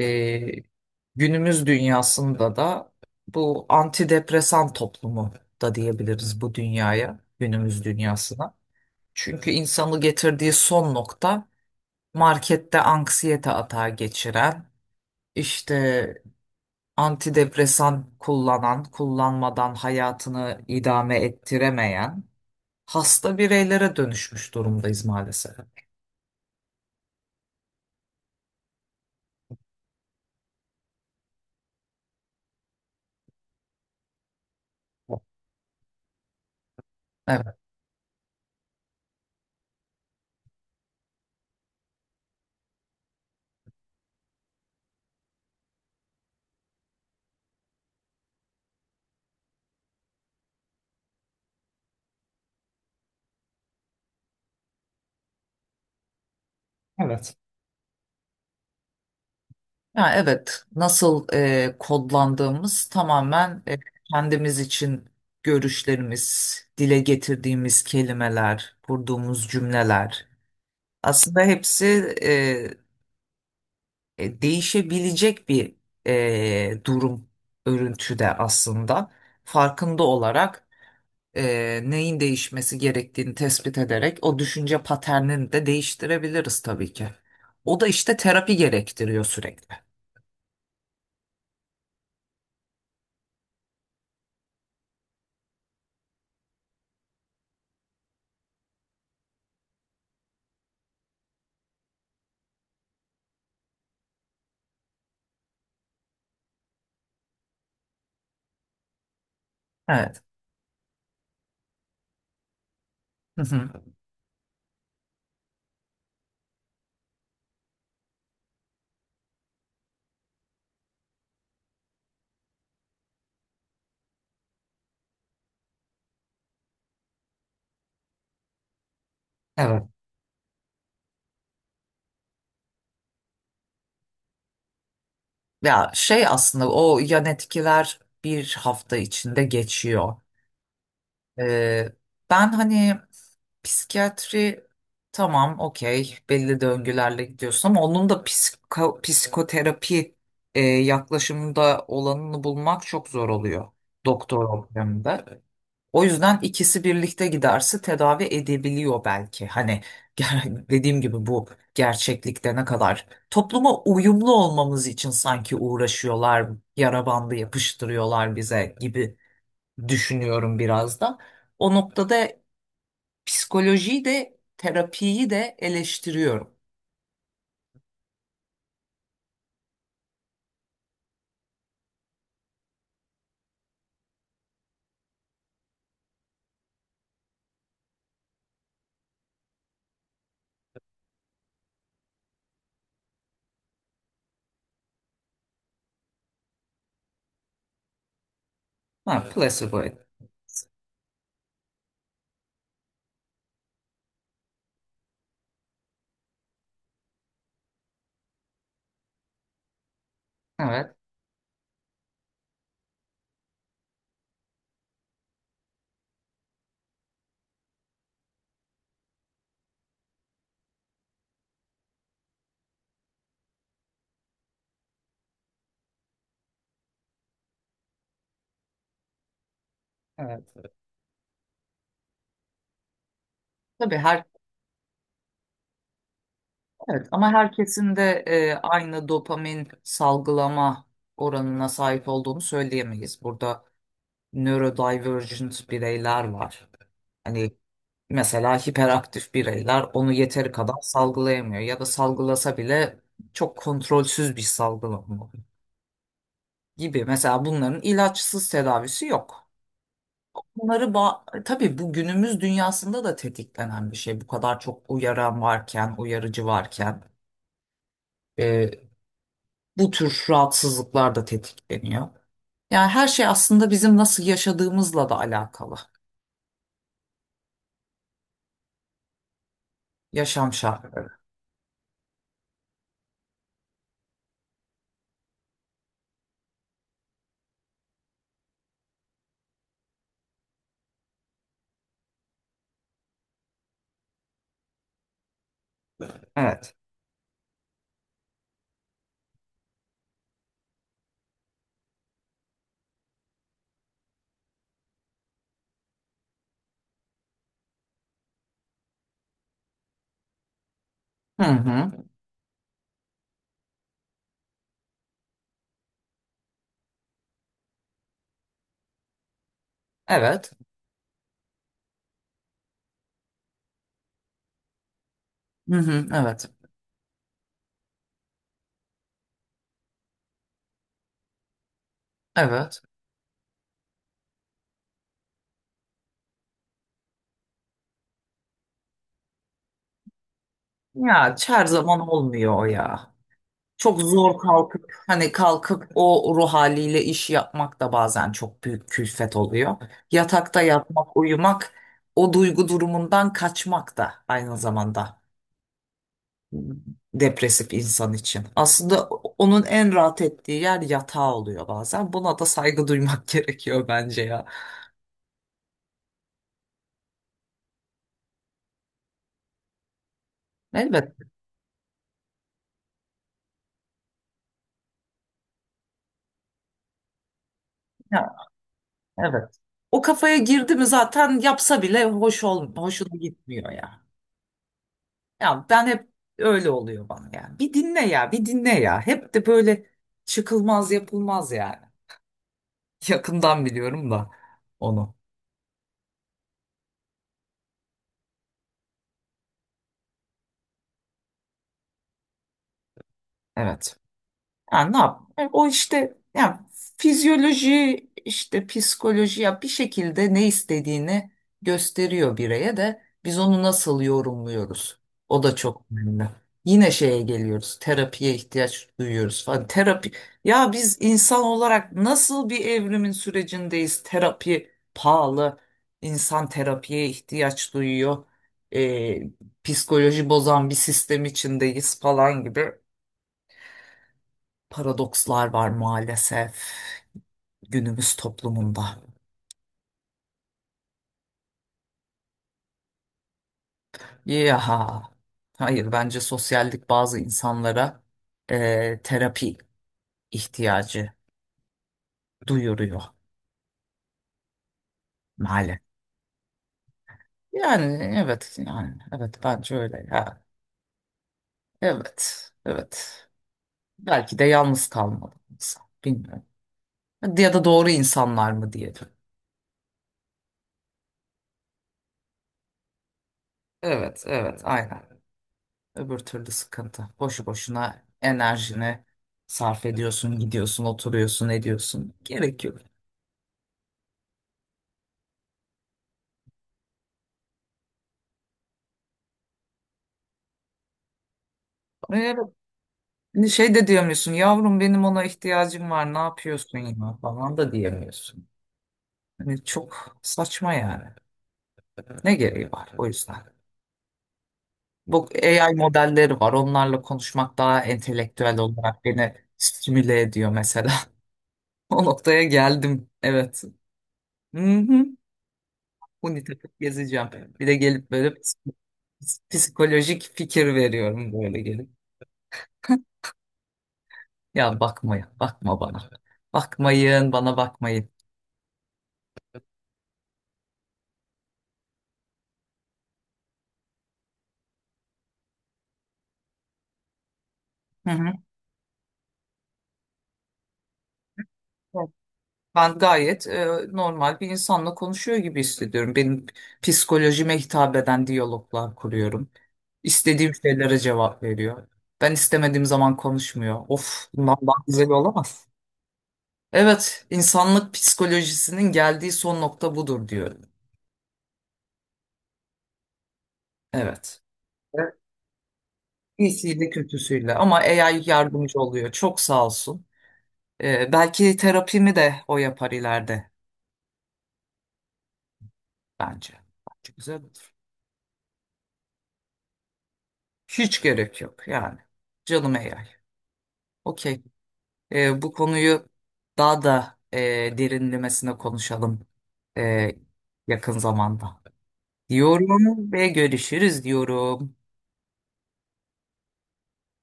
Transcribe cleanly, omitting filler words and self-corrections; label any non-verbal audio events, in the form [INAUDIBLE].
E, Günümüz dünyasında da bu antidepresan toplumu da diyebiliriz bu dünyaya, günümüz dünyasına. Çünkü insanı getirdiği son nokta markette anksiyete atağı geçiren, işte antidepresan kullanan, kullanmadan hayatını idame ettiremeyen hasta bireylere dönüşmüş durumdayız maalesef. Evet. Evet. Ya evet, nasıl kodlandığımız tamamen kendimiz için görüşlerimiz, dile getirdiğimiz kelimeler, kurduğumuz cümleler. Aslında hepsi değişebilecek bir durum örüntüde aslında. Farkında olarak neyin değişmesi gerektiğini tespit ederek o düşünce paternini de değiştirebiliriz tabii ki. O da işte terapi gerektiriyor sürekli. Evet. Hı hı. Evet. Ya şey aslında o yan etkiler bir hafta içinde geçiyor. Ee, Ben hani psikiyatri tamam okey belli döngülerle gidiyorsun ama onun da psikoterapi yaklaşımında olanını bulmak çok zor oluyor doktor ortamında. O yüzden ikisi birlikte giderse tedavi edebiliyor belki. Hani [LAUGHS] dediğim gibi bu gerçeklikte ne kadar topluma uyumlu olmamız için sanki uğraşıyorlar, yara bandı yapıştırıyorlar bize gibi düşünüyorum biraz da. O noktada psikolojiyi de terapiyi de eleştiriyorum. Ha, evet, placebo. Evet, evet, evet. Evet. Tabii her evet ama herkesin de aynı dopamin salgılama oranına sahip olduğunu söyleyemeyiz. Burada neurodivergent bireyler var. Hani mesela hiperaktif bireyler onu yeteri kadar salgılayamıyor ya da salgılasa bile çok kontrolsüz bir salgılama gibi. Mesela bunların ilaçsız tedavisi yok. Tabii bu günümüz dünyasında da tetiklenen bir şey. Bu kadar çok uyaran varken, uyarıcı varken e, bu tür rahatsızlıklar da tetikleniyor. Yani her şey aslında bizim nasıl yaşadığımızla da alakalı. Yaşam şartları. Evet. Hı hı. Evet. Hı hı. Evet. Evet. Ya her zaman olmuyor o ya. Çok zor kalkıp hani kalkıp o ruh haliyle iş yapmak da bazen çok büyük külfet oluyor. Yatakta yatmak, uyumak, o duygu durumundan kaçmak da aynı zamanda depresif insan için. Aslında onun en rahat ettiği yer yatağı oluyor bazen. Buna da saygı duymak [LAUGHS] gerekiyor bence ya. Elbette. Evet. O kafaya girdi mi zaten yapsa bile hoşuna gitmiyor ya. Ya ben hep öyle oluyor bana yani. Bir dinle ya, bir dinle ya. Hep de böyle çıkılmaz yapılmaz yani. [LAUGHS] Yakından biliyorum da onu. Evet. Yani ne yap? O işte yani fizyoloji işte psikoloji ya bir şekilde ne istediğini gösteriyor bireye de biz onu nasıl yorumluyoruz? O da çok önemli. Yine şeye geliyoruz. Terapiye ihtiyaç duyuyoruz falan. Terapi ya biz insan olarak nasıl bir evrimin sürecindeyiz? Terapi pahalı. İnsan terapiye ihtiyaç duyuyor. E, Psikoloji bozan bir sistem içindeyiz falan gibi. Paradokslar var maalesef günümüz toplumunda. Yaha. Hayır bence sosyallik bazı insanlara terapi ihtiyacı duyuruyor maalesef. Yani evet yani evet bence öyle ya. Evet, evet. Belki de yalnız kalmalı insan bilmiyorum. Ya da doğru insanlar mı diyelim. Evet, evet, aynen. Öbür türlü sıkıntı. Boşu boşuna enerjini sarf ediyorsun, gidiyorsun, oturuyorsun, ediyorsun. Gerek yok. Ee, Şey de diyemiyorsun, yavrum benim ona ihtiyacım var, ne yapıyorsun ya falan da diyemiyorsun. Hani çok saçma yani. Ne gereği var o yüzden. Bu AI modelleri var, onlarla konuşmak daha entelektüel olarak beni stimüle ediyor mesela. [LAUGHS] O noktaya geldim, evet. Hı hı. Huni takıp gezeceğim. Bir de gelip böyle psikolojik fikir veriyorum böyle gelip. [LAUGHS] Ya bakmayın, bakma bana. Bakmayın, bana bakmayın. Hı hı. Evet. Ben gayet normal bir insanla konuşuyor gibi hissediyorum. Benim psikolojime hitap eden diyaloglar kuruyorum. İstediğim şeylere cevap veriyor. Ben istemediğim zaman konuşmuyor. Of, bundan daha güzel olamaz. Evet, insanlık psikolojisinin geldiği son nokta budur diyorum. Evet. İyisiyle kötüsüyle ama AI yardımcı oluyor. Çok sağ olsun. Belki terapimi de o yapar ileride bence. Bence güzel olur. Hiç gerek yok yani. Canım AI. Okey. Bu konuyu daha da derinlemesine konuşalım e, yakın zamanda. Diyorum ve görüşürüz diyorum.